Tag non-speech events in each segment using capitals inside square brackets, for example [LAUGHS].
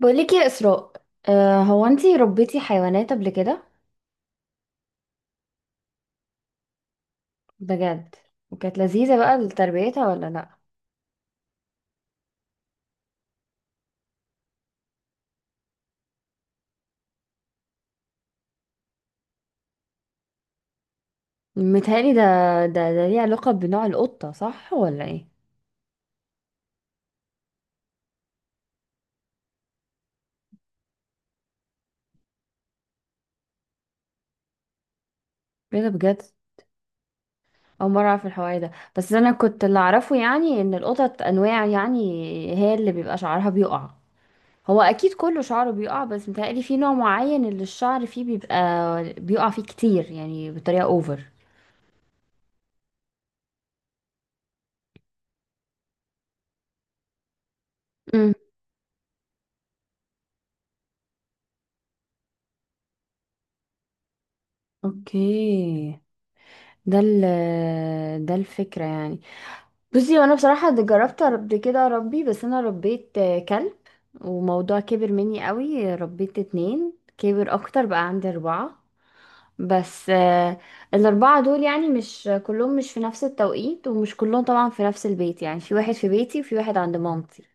بقولك يا إسراء. هو انتي ربيتي حيوانات قبل كده؟ بجد؟ وكانت لذيذة بقى تربيتها ولا لأ؟ متهيألي ده. ده ليه علاقة بنوع القطة، صح ولا ايه؟ ايه ده، بجد؟ أول مرة أعرف الحوار ده، بس أنا كنت اللي أعرفه يعني إن القطط أنواع، يعني هي اللي بيبقى شعرها بيقع. هو أكيد كله شعره بيقع بس متهيألي في نوع معين اللي الشعر فيه بيبقى بيقع فيه كتير يعني بطريقة أوفر. امم، اوكي. ده ال ده الفكرة يعني. بصي، وانا بصراحة ده جربت قبل كده اربي، بس انا ربيت كلب. وموضوع كبر مني قوي، ربيت اتنين، كبر اكتر بقى عندي اربعة. بس آه، الاربعة دول يعني مش كلهم مش في نفس التوقيت ومش كلهم طبعا في نفس البيت، يعني في واحد في بيتي وفي واحد عند مامتي.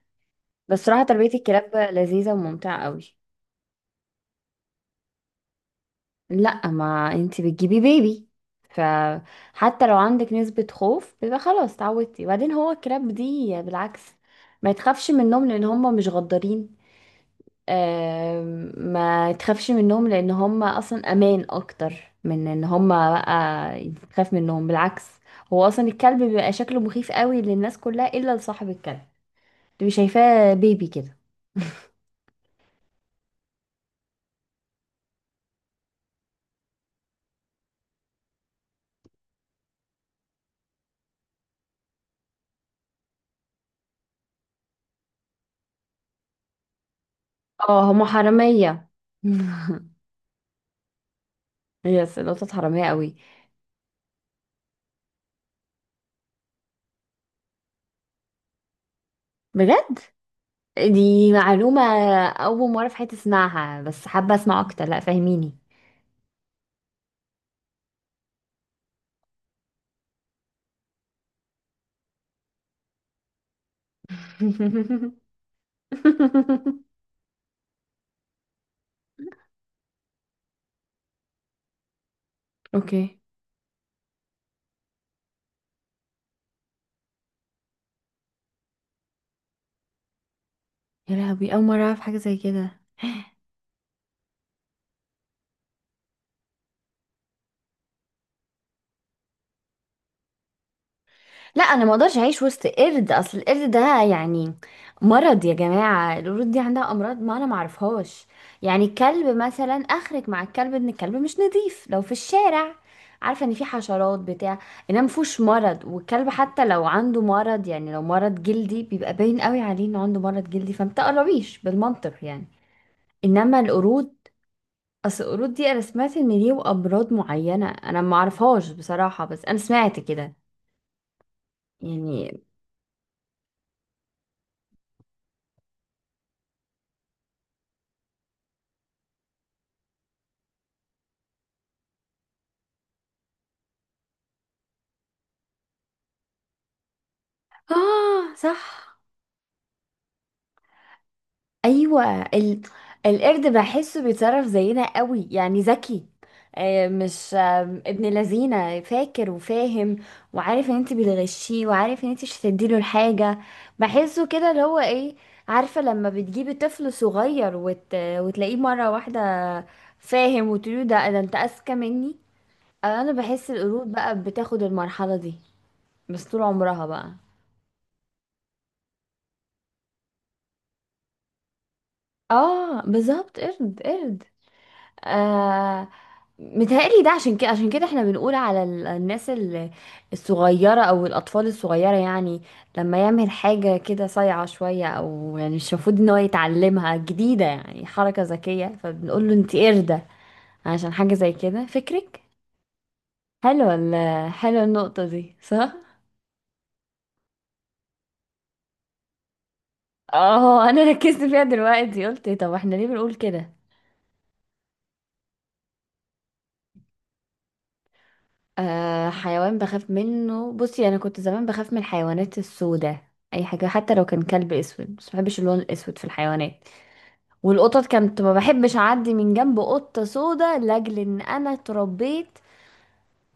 بس صراحة تربية الكلاب لذيذة وممتعة قوي. لا، ما انتي بتجيبي بيبي، فحتى لو عندك نسبة خوف بيبقى خلاص اتعودتي. وبعدين هو الكراب دي بالعكس، ما تخافش منهم لان هم مش غدارين. ما تخافش منهم لان هم اصلا امان اكتر من ان هم بقى تخاف منهم، بالعكس. هو اصلا الكلب بيبقى شكله مخيف قوي للناس كلها الا لصاحب الكلب، تبقي شايفاه بيبي كده. اه، هم حرامية. [LAUGHS] يس، القطط حرامية قوي. بجد؟ دي معلومة. أول مرة في حياتي أسمعها، بس حابة أسمع أكتر، لأ، فاهميني. [LAUGHS] اوكي. يا لهوي، اول مره اعرف حاجه زي كده. لا، انا ما اقدرش اعيش وسط قرد. اصل القرد ده يعني مرض يا جماعه، القرود دي عندها امراض ما انا ما اعرفهاش. يعني الكلب مثلا، اخرج مع الكلب، ان الكلب مش نظيف لو في الشارع، عارفه ان في حشرات بتاع، انما مفهوش مرض. والكلب حتى لو عنده مرض، يعني لو مرض جلدي بيبقى باين قوي عليه انه عنده مرض جلدي، فما تقربيش بالمنطق يعني. انما القرود، اصل القرود دي انا سمعت ان ليه امراض معينه انا ما اعرفهاش بصراحه، بس انا سمعت كده يعني. اه، صح. ايوه، القرد بحسه بيتصرف زينا قوي، يعني ذكي. آه، مش آه، ابن لذينه، فاكر وفاهم وعارف ان انت بتغشيه وعارف ان انت مش هتديله الحاجه. بحسه كده اللي هو ايه، عارفه لما بتجيبي طفل صغير وتلاقيه مره واحده فاهم وتقولي ده انت اذكى مني. انا بحس القرود بقى بتاخد المرحله دي بس طول عمرها بقى. اه بالظبط، قرد. آه. متهيألي ده عشان كده احنا بنقول على الناس الصغيرة او الاطفال الصغيرة يعني، لما يعمل حاجة كده صايعة شوية او يعني مش المفروض ان هو يتعلمها، جديدة يعني حركة ذكية، فبنقول له انت قردة عشان حاجة زي كده، فكرك. حلوة حلوة النقطة دي، صح؟ اه، انا ركزت فيها دلوقتي، قلت طب احنا ليه بنقول كده. آه، حيوان بخاف منه؟ بصي، انا كنت زمان بخاف من الحيوانات السوداء، اي حاجه حتى لو كان كلب اسود، بس ما بحبش اللون الاسود في الحيوانات. والقطط كانت ما بحبش اعدي من جنب قطه سوداء، لاجل ان انا اتربيت،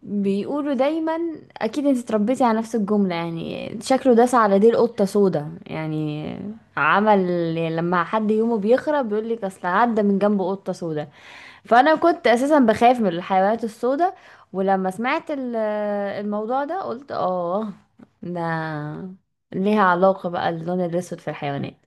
بيقولوا دايما، اكيد انت اتربيتي على نفس الجمله، يعني شكله داس على ديل قطه سوداء يعني عمل، يعني لما حد يومه بيخرب بيقول لك اصل عدى من جنب قطه سوداء. فانا كنت اساسا بخاف من الحيوانات السوداء، ولما سمعت الموضوع ده قلت اه، ده ليها علاقة بقى اللون الاسود في الحيوانات.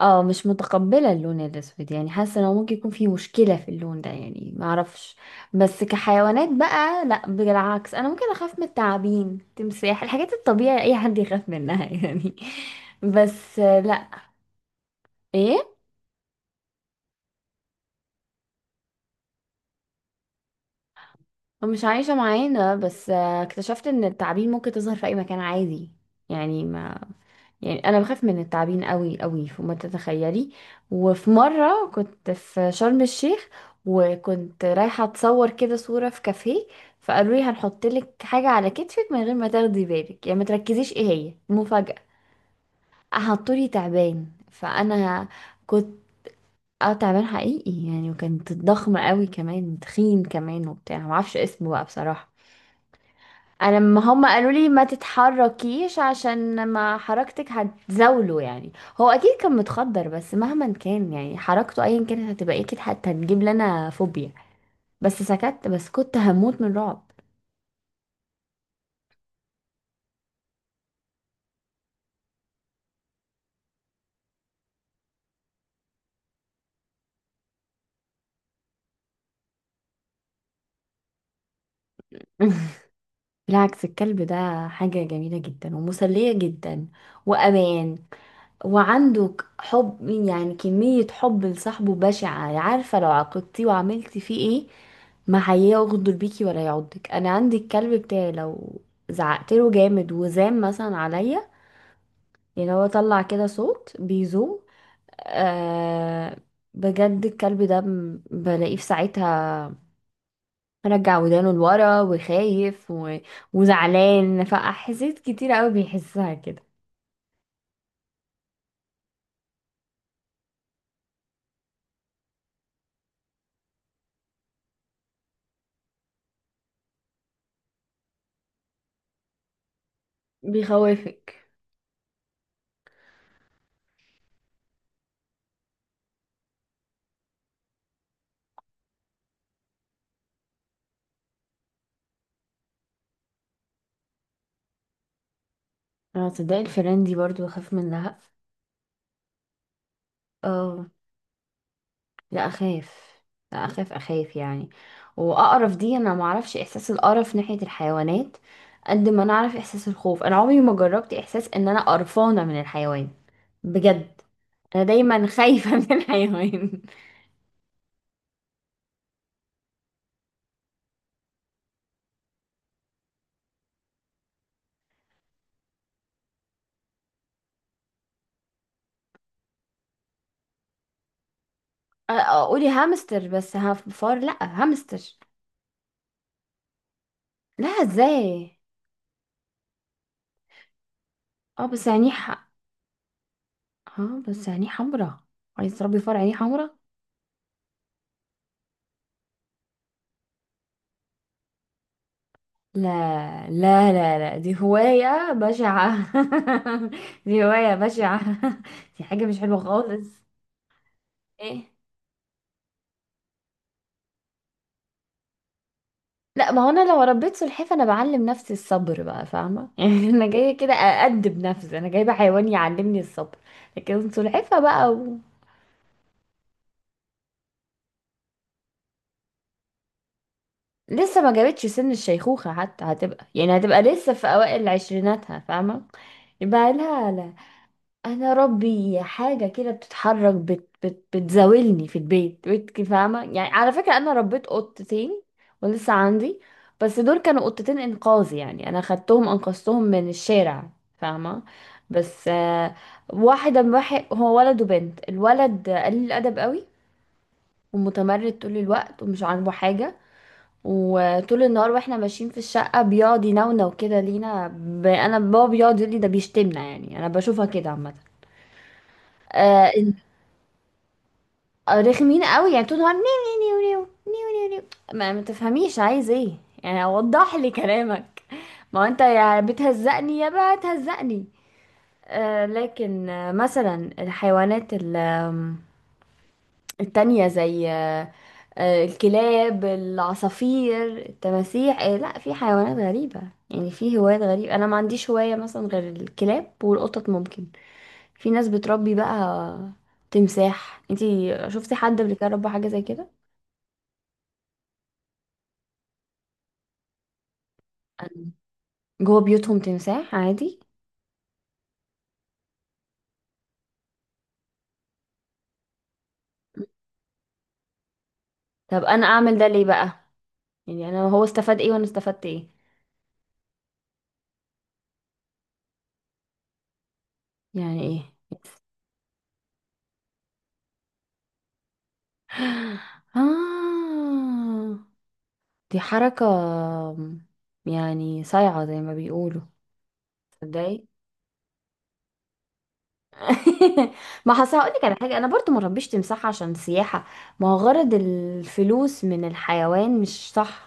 اه، مش متقبلة اللون الاسود، يعني حاسة انه ممكن يكون في مشكلة في اللون ده يعني، معرفش. بس كحيوانات بقى لا، بالعكس، انا ممكن اخاف من التعابين، تمساح، الحاجات الطبيعية اي حد يخاف منها [LAUGHS] يعني، بس لا. ايه، مش عايشة معانا. بس اكتشفت ان التعابين ممكن تظهر في اي مكان عادي. يعني ما، يعني انا بخاف من التعابين قوي قوي، فما تتخيلي. وفي مرة كنت في شرم الشيخ، وكنت رايحة اتصور كده صورة في كافيه، فقالوا لي هنحط لك حاجة على كتفك من غير ما تاخدي بالك، يعني ما تركزيش ايه هي مفاجأة. حطوا لي تعبان، فانا كنت، اه، تعبان حقيقي يعني، وكانت ضخمة قوي كمان، تخين كمان، وبتاع، معرفش اسمه بقى بصراحة. انا لما هم قالوا لي ما تتحركيش عشان ما حركتك هتزاوله يعني، هو اكيد كان متخدر بس مهما كان يعني حركته ايا كانت هتبقى اكيد حتى هتجيب لنا فوبيا، بس سكت، بس كنت هموت من رعب. [LAUGHS] بالعكس، الكلب ده حاجة جميلة جدا ومسلية جدا وأمان، وعنده حب يعني، كمية حب لصاحبه بشعة يعني. عارفة لو عاقبتيه وعملتي فيه ايه، ما هيغدر بيكي ولا يعضك. انا عندي الكلب بتاعي لو زعقت له جامد وزام مثلا عليا، يعني هو طلع كده صوت بيزوم، آه، بجد الكلب ده بلاقيه في ساعتها رجع ودانه لورا وخايف وزعلان، فأحاسيس كتير قوي بيحسها كده. بيخوفك؟ انا تصدقي الفيران دي برضو بخاف منها. اه، لا اخاف، لا اخاف اخاف يعني. واقرف دي انا ما اعرفش احساس القرف ناحية الحيوانات، قد ما انا اعرف احساس الخوف. انا عمري ما جربت احساس ان انا قرفانة من الحيوان، بجد. انا دايما خايفة [LAUGHS] من الحيوان. اقولي هامستر، بس فار لا. هامستر. لا ازاي؟ اه بس عينيه اه بس عينيه حمرا، عايز تربي فار عينيه حمرا؟ لا لا لا، دي هواية بشعة. [LAUGHS] دي هواية بشعة. [LAUGHS] دي حاجة مش حلوة خالص. ايه؟ لا، ما هو انا لو ربيت سلحفاة انا بعلم نفسي الصبر بقى، فاهمة [LAUGHS] يعني، انا جاية كده اادب نفسي، انا جايبة حيوان يعلمني الصبر. لكن سلحفاة بقى لسه ما جابتش سن الشيخوخة حتى، هتبقى يعني هتبقى لسه في اوائل عشريناتها فاهمة. يبقى لها لا. انا ربي حاجه كده بتتحرك، بت بت بتزاولني في البيت، بيت فاهمه يعني. على فكره، انا ربيت قطتين ولسه عندي، بس دول كانوا قطتين انقاذ يعني، انا خدتهم انقذتهم من الشارع فاهمه. بس واحده واحد هو ولد وبنت، الولد قليل الادب قوي ومتمرد طول الوقت ومش عاجبه حاجه. وطول النهار واحنا ماشيين في الشقه بيقعد ينونو كده لينا انا بابا بيقعد يقول لي ده بيشتمنا يعني، انا بشوفها كده عامه. آه، رخمين قوي يعني، طول النهار نيو نيو نيو نيو نيو نيو، ما تفهميش عايز ايه يعني، وضح لي كلامك، ما هو انت يا بتهزقني يا بقى هتهزقني. آه، لكن آه مثلا الحيوانات ال- آم، التانية زي آه، الكلاب، العصافير، التماسيح، آه لا، في حيوانات غريبة يعني. في هوايات غريبة، أنا ما عنديش هواية مثلا غير الكلاب والقطط. ممكن في ناس بتربي بقى تمساح، انتي شفتي حد قبل كده ربى حاجة زي كده؟ أنا- جوه بيوتهم تمساح عادي؟ طب انا اعمل ده ليه بقى، يعني انا هو استفاد ايه وانا استفدت ايه؟ يعني ايه؟ [LAUGHS] آه، دي حركة يعني صايعة زي ما بيقولوا. تصدقي؟ [LAUGHS] ما حصل، هقولك على حاجة، أنا برضو ما ربيش تمساح عشان سياحة. ما هو غرض الفلوس من الحيوان مش صح،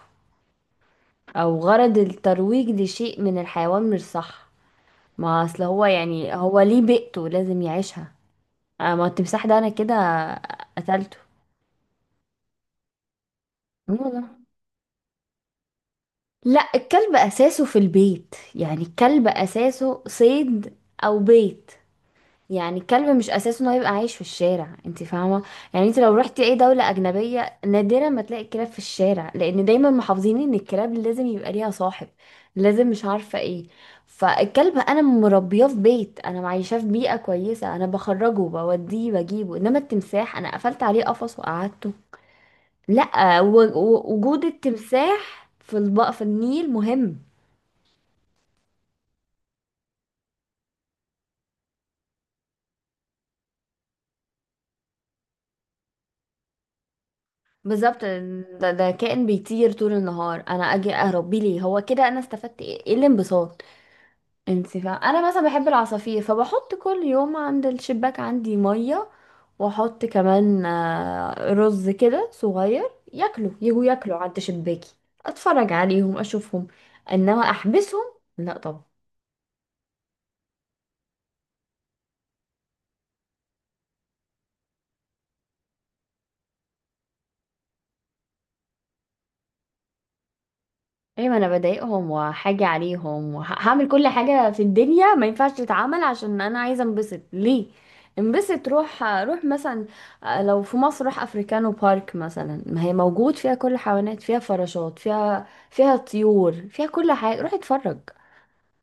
أو غرض الترويج لشيء من الحيوان مش صح. ما أصل هو يعني هو ليه بيئته لازم يعيشها. ما هو التمساح ده انا كده قتلته. مين هو ده؟ لا، الكلب اساسه في البيت، يعني الكلب اساسه صيد او بيت، يعني الكلب مش اساسه انه يبقى عايش في الشارع، انت فاهمه. يعني انت لو رحتي اي دوله اجنبيه نادرا ما تلاقي الكلاب في الشارع، لان دايما محافظين ان الكلاب لازم يبقى ليها صاحب، لازم مش عارفه ايه. فالكلب انا مربيه في بيت، انا معيشاه في بيئه كويسه، انا بخرجه بوديه بجيبه، انما التمساح انا قفلت عليه قفص وقعدته. لا، وجود التمساح في النيل مهم. بالظبط، ده كائن بيطير طول النهار انا اجي اربيه ليه؟ هو كده انا استفدت ايه، إيه الانبساط؟ انت فاهم، انا مثلا بحب العصافير فبحط كل يوم عند الشباك عندي ميه، واحط كمان رز كده صغير ياكلوا، يجوا ياكلوا عند شباكي، اتفرج عليهم، اشوفهم. انما احبسهم، لا. ايوه، ما انا بضايقهم وحاجة عليهم، وهعمل كل حاجة في الدنيا ما ينفعش تتعمل عشان انا عايزة انبسط، ليه؟ انبسط روح، روح مثلا، لو في مصر روح افريكانو بارك مثلا، ما هي موجود فيها كل حيوانات، فيها فراشات، فيها طيور، فيها كل حاجة، روح اتفرج،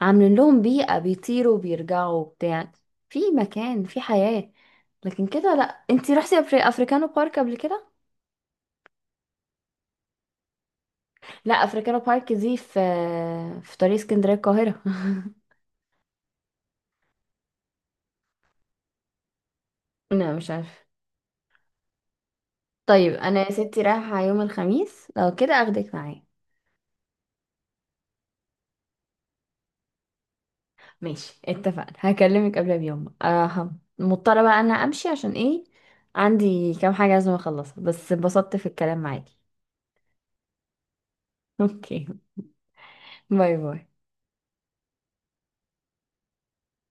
عاملين لهم بيئة بيطيروا بيرجعوا بتاع، في مكان، في حياة. لكن كده لا. انتي رحتي افريكانو بارك قبل كده؟ لا، افريكانو بارك دي في طريق اسكندرية القاهرة. [LAUGHS] لا، مش عارفة. طيب انا يا ستي رايحة يوم الخميس، لو كده اخدك معايا. ماشي، اتفقنا، هكلمك قبلها بيوم. أه، مضطرة بقى انا امشي عشان ايه، عندي كام حاجة لازم اخلصها، بس اتبسطت في الكلام معاكي. [LAUGHS] اوكي. باي باي.